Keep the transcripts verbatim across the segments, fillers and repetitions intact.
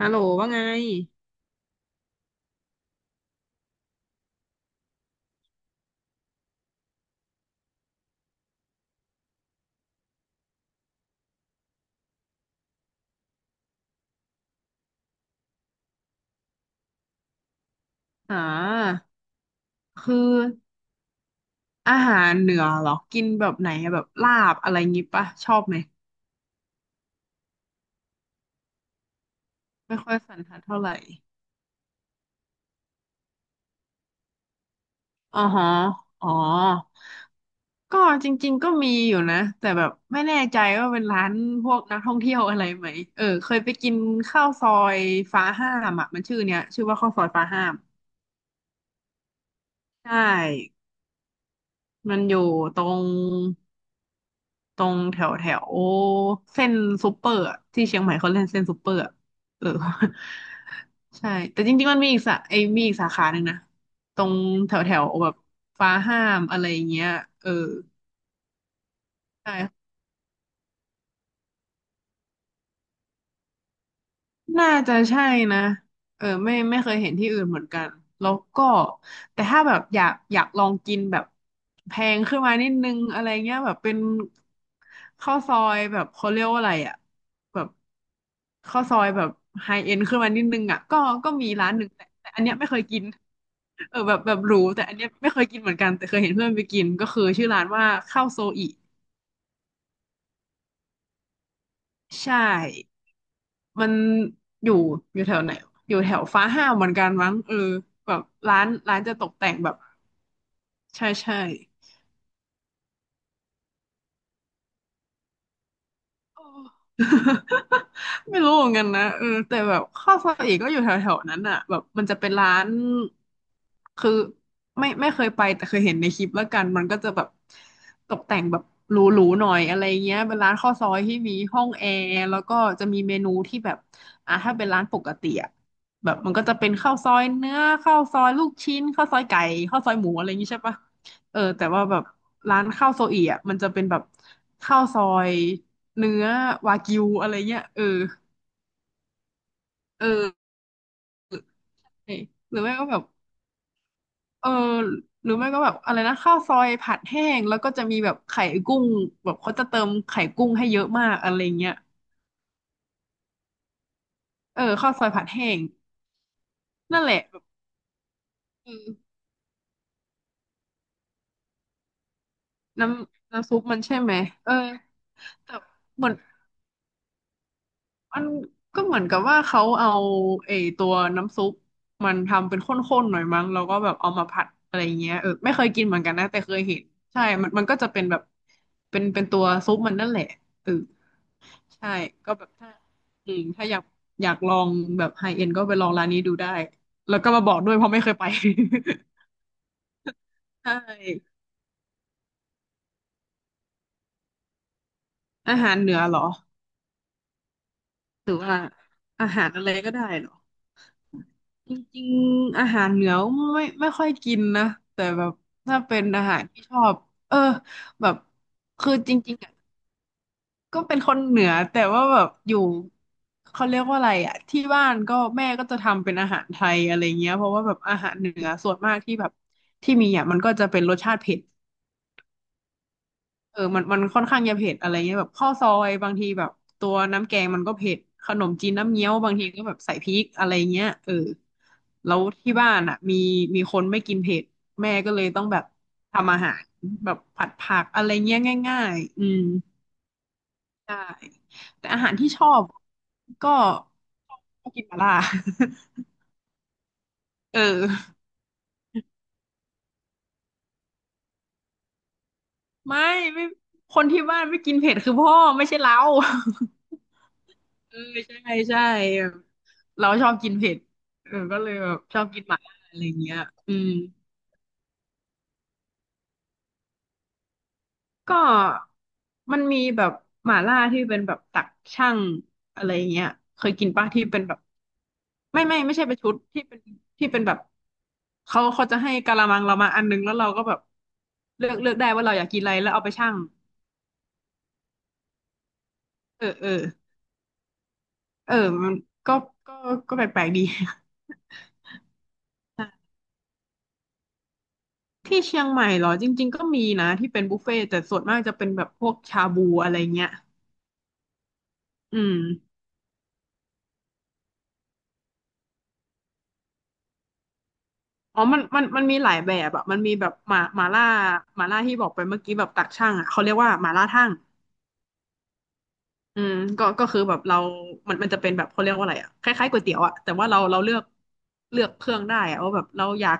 ฮัลโหลว่าไงอ่าคืออาหารเหนือเหรอ กินแบบลาบอะไรงี้ปะ ชอบไหม ไม่ค่อยสันทัดเท่าไหร่ อ๋อฮะอ๋อ ก็จริงๆก็นะแต่แบบไม่แน่ใจว่าร้านพวกนักท่องเที่ยวอะไรไหม เออเคยไปกินข้าวซอยฟ้าห้ามชื่อเนี้ยข้าวซอยฟ้าห้าม ใช่มันอยู่ตรง ตรงแถวแถวเส้นซูเปอร์อะที่เชียงใหม่เขาเล่นเส้นซูเปอร์อะเออ ใช่แต่จริงๆมันมีอีกสาไอ้มีอีกสาขาหนึ่งนะตรงแถวแถวแบบฟ้าห้ามอะไรอย่างเงี้ยเออใช่ น่าจะใช่นะเออไม่ไม่เคยเห็นที่อื่นเหมือนกันแล้วก็แต่ถ้าแบบอยากอยากลองกินแบบแพงขึ้นมานิดนึงอะไรเงี้ยแบบเป็นข้าวซอยแบบเขาเรียกว่าอะไรอ่ะแบบข้าวซอยแบบไฮเอ็นขึ้นมานิดนึงอ่ะก็ก็มีร้านหนึ่งแต่แต่อันเนี้ยไม่เคยกินเออแบบแบบหรูแต่อันเนี้ยไม่เคยกินเหมือนกันแต่เคยเห็นเพื่อนไปกินก็คือชื่อร้านว่าข้าวโซอิใช่ มันอยู่อยู่แถวไหนอยู่แถวฟ้าห้าวเหมือนกันมั้งเออแบบร้านร้านจะตกแต่งแบบใช่ใช่ ไม่รู้เหมือนกันนะเออแต่แบบข้าวซอยเอกก็อยู่แถวๆนั้นอ่ะแบบมันจะเป็นร้านคือไม่ไม่เคยไปแต่เคยเห็นในคลิปแล้วกันมันก็จะแบบตกแต่งแบบหรูๆหน่อยอะไรเงี้ยเป็นร้านข้าวซอยที่มีห้องแอร์แล้วก็จะมีเมนูที่แบบอ่ะถ้าเป็นร้านปกติอะแบบมันก็จะเป็นข้าวซอยเนื้อข้าวซอยลูกชิ้นข้าวซอยไก่ข้าวซอยหมูอะไรอย่างงี้ใช่ปะเออแต่ว่าแบบร้านข้าวโซอีอ่ะมันจะเป็นแบบข้าวซอย เนื้อวากิวอะไรเงี้ยเออเออเออหรือไม่ก็แบบเออหรือไม่ก็แบบอะไรนะข้าวซอยผัดแห้งแล้วก็จะมีแบบไข่กุ้งแบบเขาจะเติมไข่กุ้งให้เยอะมากอะไรเงี้ยเออข้าวซอยผัดแห้งนั่นแหละแบบเออน้ำน้ำซุปมันใช่ไหมเออแต่เหมือน มันก็เหมือนกับว่าเขาเอาไอ้ตัวน้ำซุปมันทำเป็นข้นๆหน่อยมั้งแล้วก็แบบเอามาผัดอะไรเงี้ยเออไม่เคยกินเหมือนกันนะแต่เคยเห็นใช่ มันมันก็จะเป็นแบบเป็นเป็นตัวซุปมันนั่นแหละเออใช่ก็แบบถ้าอืมถ้าอยากอยากลองแบบไฮเอ็นก็ไปลองร้านนี้ดูได้แล้วก็มาบอกด้วยเพราะไม่เคยไป ใช่อาหารเหนือเหรอหรือว่าอาหารอะไรก็ได้เหรอ จริงๆอาหารเหนือไม่ไม่ค่อยกินนะแต่แบบถ้าเป็นอาหารที่ชอบเออแบบคือจริงๆอ่ะก็เป็นคนเหนือแต่ว่าแบบอยู่เขาเรียกว่าอะไรอ่ะที่บ้านก็แม่ก็จะทำเป็นอาหารไทยอะไรเงี้ยเพราะว่าแบบอาหารเหนือส่วนมากที่แบบที่มีอ่ะมันก็จะเป็นรสชาติเผ็ด เออมันมันค่อนข้างจะเผ็ดอะไรเงี้ยแบบข้าวซอยบางทีแบบตัวน้ำแกงมันก็เผ็ดขนมจีนน้ำเงี้ยวบางทีก็แบบใส่พริกอะไรเงี้ยเออแล้วที่บ้านอ่ะมีมีคนไม่กินเผ็ดแม่ก็เลยต้องแบบทำอาหารแบบผัดผักอะไรเงี้ยง่ายๆอืมใช่แต่อาหารที่ชอบก็ชอบกินหม่าล่า เออ ไม่ไม่คนที่บ้านไม่กินเผ็ดคือพ่อไม่ใช่เรา เออใช่ใช่แบบเราชอบกินเผ็ดเออก็เลยแบบชอบกินหม่าล่าอะไรเงี้ยอืมก็มันมีแบบหม่าล่าที่เป็นแบบตักช่างอะไรเงี้ยเคยกินปะที่เป็นแบบไม่ไม่ไม่ใช่เป็นชุดที่เป็นที่เป็นแบบเขาเขาจะให้กะละมังเรามาอันนึงแล้วเราก็แบบเลือกเลือกได้ว่าเราอยากกินอะไรแล้วเอาไปชั่งเออเออ เออมันก็ก็ก็แปลกๆดี ที่เชียงใหม่เหรอจริงๆก็มีนะที่เป็นบุฟเฟ่ต์แต่ส่วนมากจะเป็นแบบพวกชาบูอะไรเงี้ยอืมอ๋อมันมันมันมีหลายแบบอะมันมีแบบหมาหมาล่าหมาล่าที่บอกไปเมื่อกี้แบบตักช่างอะเขาเรียกว่าหมาล่าทั่งอืมก็ก็คือแบบเรามันมันจะเป็นแบบเขาเรียกว่าอะไรอะคล้ายๆก๋วยเตี๋ยวอะแต่ว่าเราเราเลือกเลือกเครื่องได้อะว่าแบบเราอยาก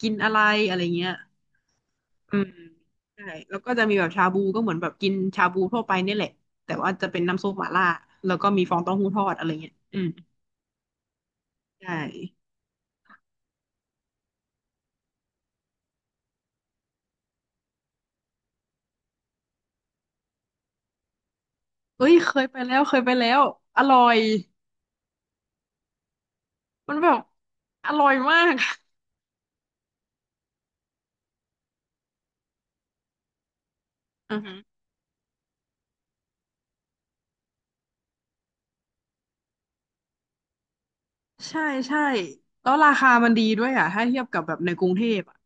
กินอะไรอะไรเงี้ย อืมใช่แล้วก็จะมีแบบชาบูก็เหมือนแบบกินชาบูทั่วไปเนี่ยแหละแต่ว่าจะเป็นน้ำซุปหม่าล่าแล้วก็มีฟองเต้าหู้ทอดอะไรเงี้ยอืมใช่เอ้ยเคยไปแล้วเคยไปแล้วอร่อยมันแบบอร่อยมากอือฮึใช่ใช่แล้วราคามันดีด้วยอ่ะถ้าเทียบกับแบบในกรุงเทพอ่ะ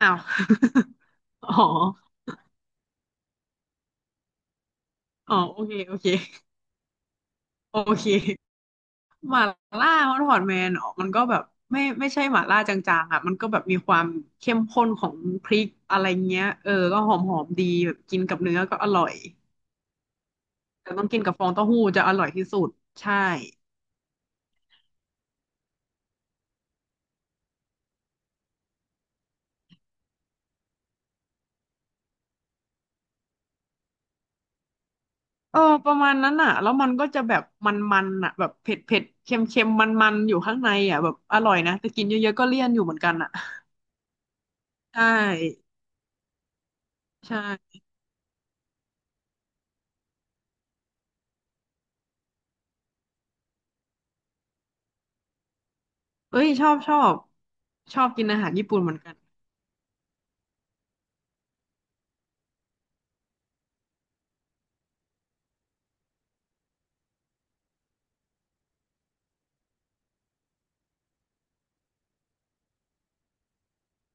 อ้าว อ๋ออ๋อโอเคโอเคโอเค หม่าล่าฮอตพอตแมนมันก็แบบไม่ไม่ใช่หม่าล่าจางๆอ่ะมันก็แบบมีความเข้มข้นของพริกอะไรเงี้ยเออก็หอมๆดีแบบกินกับเนื้อก็อร่อยแต่ต้องกินกับฟองเต้าหู้จะอร่อยที่สุดใช่เออประมาณนั้นอ่ะแล้วมันก็จะแบบมันๆอ่ะแบบเผ็ดเผ็ดเค็มเค็มมันๆอยู่ข้างในอ่ะแบบอร่อยนะแต่กินเยอะๆก็เลี่ยนอยู่เหมือนกันอ่ะใช่ใช่เอ้ยชอบชอบชอบกินอาหารญี่ปุ่นเหมือนกัน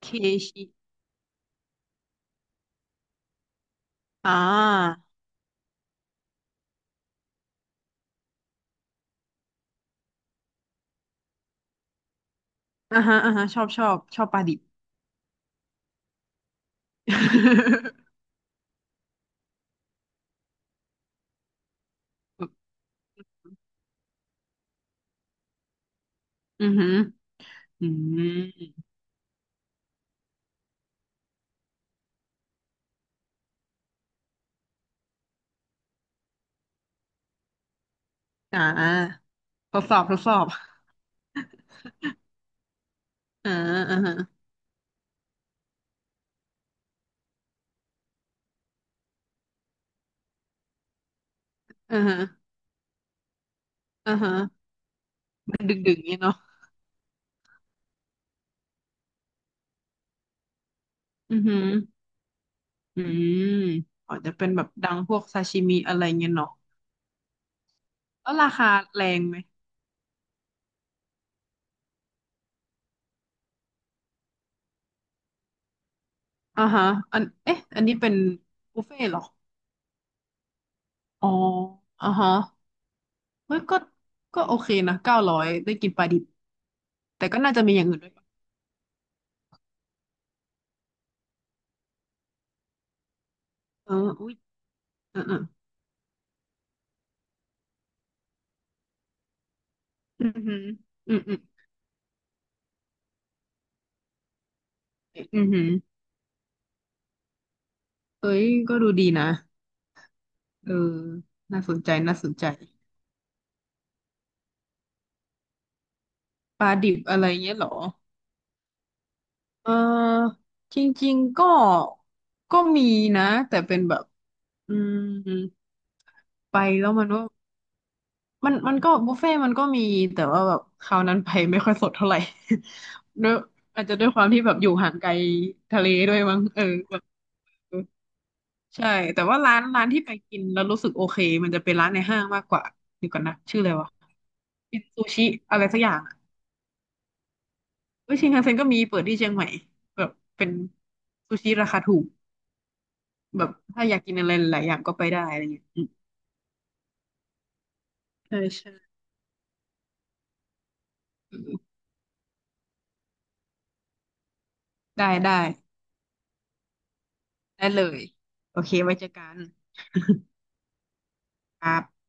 เคชิอ่าอ่าฮะอ่าฮะชอบชอบชอบปลาดิบ อือหืออืมอ่าทดสอบทดสอบอ่าอ่าฮะอ่าฮะอ่าฮะมันดึกดึกเงี้ยเนาะอือหืออืมอาจจะเป็นแบบดังพวกซาชิมิอะไรเงี้ยเนาะแล้วราคาแรงไหมอ่าฮะอันเอ๊ะอันนี้เป็นบุฟเฟ่ต์เหรออ๋ออ่าฮะ เฮ้ยก็ก็โอเคนะเก้าร้อยได้กินปลาดิบแต่ก็น่าจะมีอย่างอื่นด้วยปะเอออุ้ยอ่าอ่าอือหืออืมอืมอืมอืมเฮ้ยก็ดูดีนะ เออ น่าสนใจน่าสนใจปลาดิบอะไรเงี้ยเหรอ เออจริงๆก็ก็มีนะแต่เป็นแบบ อืมไปแล้วมันว่ามันมันก็บุฟเฟ่ต์มันก็มีแต่ว่าแบบคราวนั้นไปไม่ค่อยสดเท่าไหร่ ด้วยอาจจะด้วยความที่แบบอยู่ห่างไกลทะเลด้วยมั้งเออแบบเออใช่แต่ว่าร้านร้านที่ไปกินแล้วรู้สึกโอเคมันจะเป็นร้านในห้างมากกว่าเดี๋ยวก่อนนะชื่ออะไรวะเป็นซูชิอะไรสักอย่าง เอ้ยชินคันเซ็นก็มีเปิดที่เชียงใหม่แบบเป็นซูชิราคาถูกแบบถ้าอยากกินอะไรหลายอย่างก็ไปได้อะไรเงี้ยอืมใช่ใช่อืมได้ได้ได้เลยโอเคไว้เจอกันครับ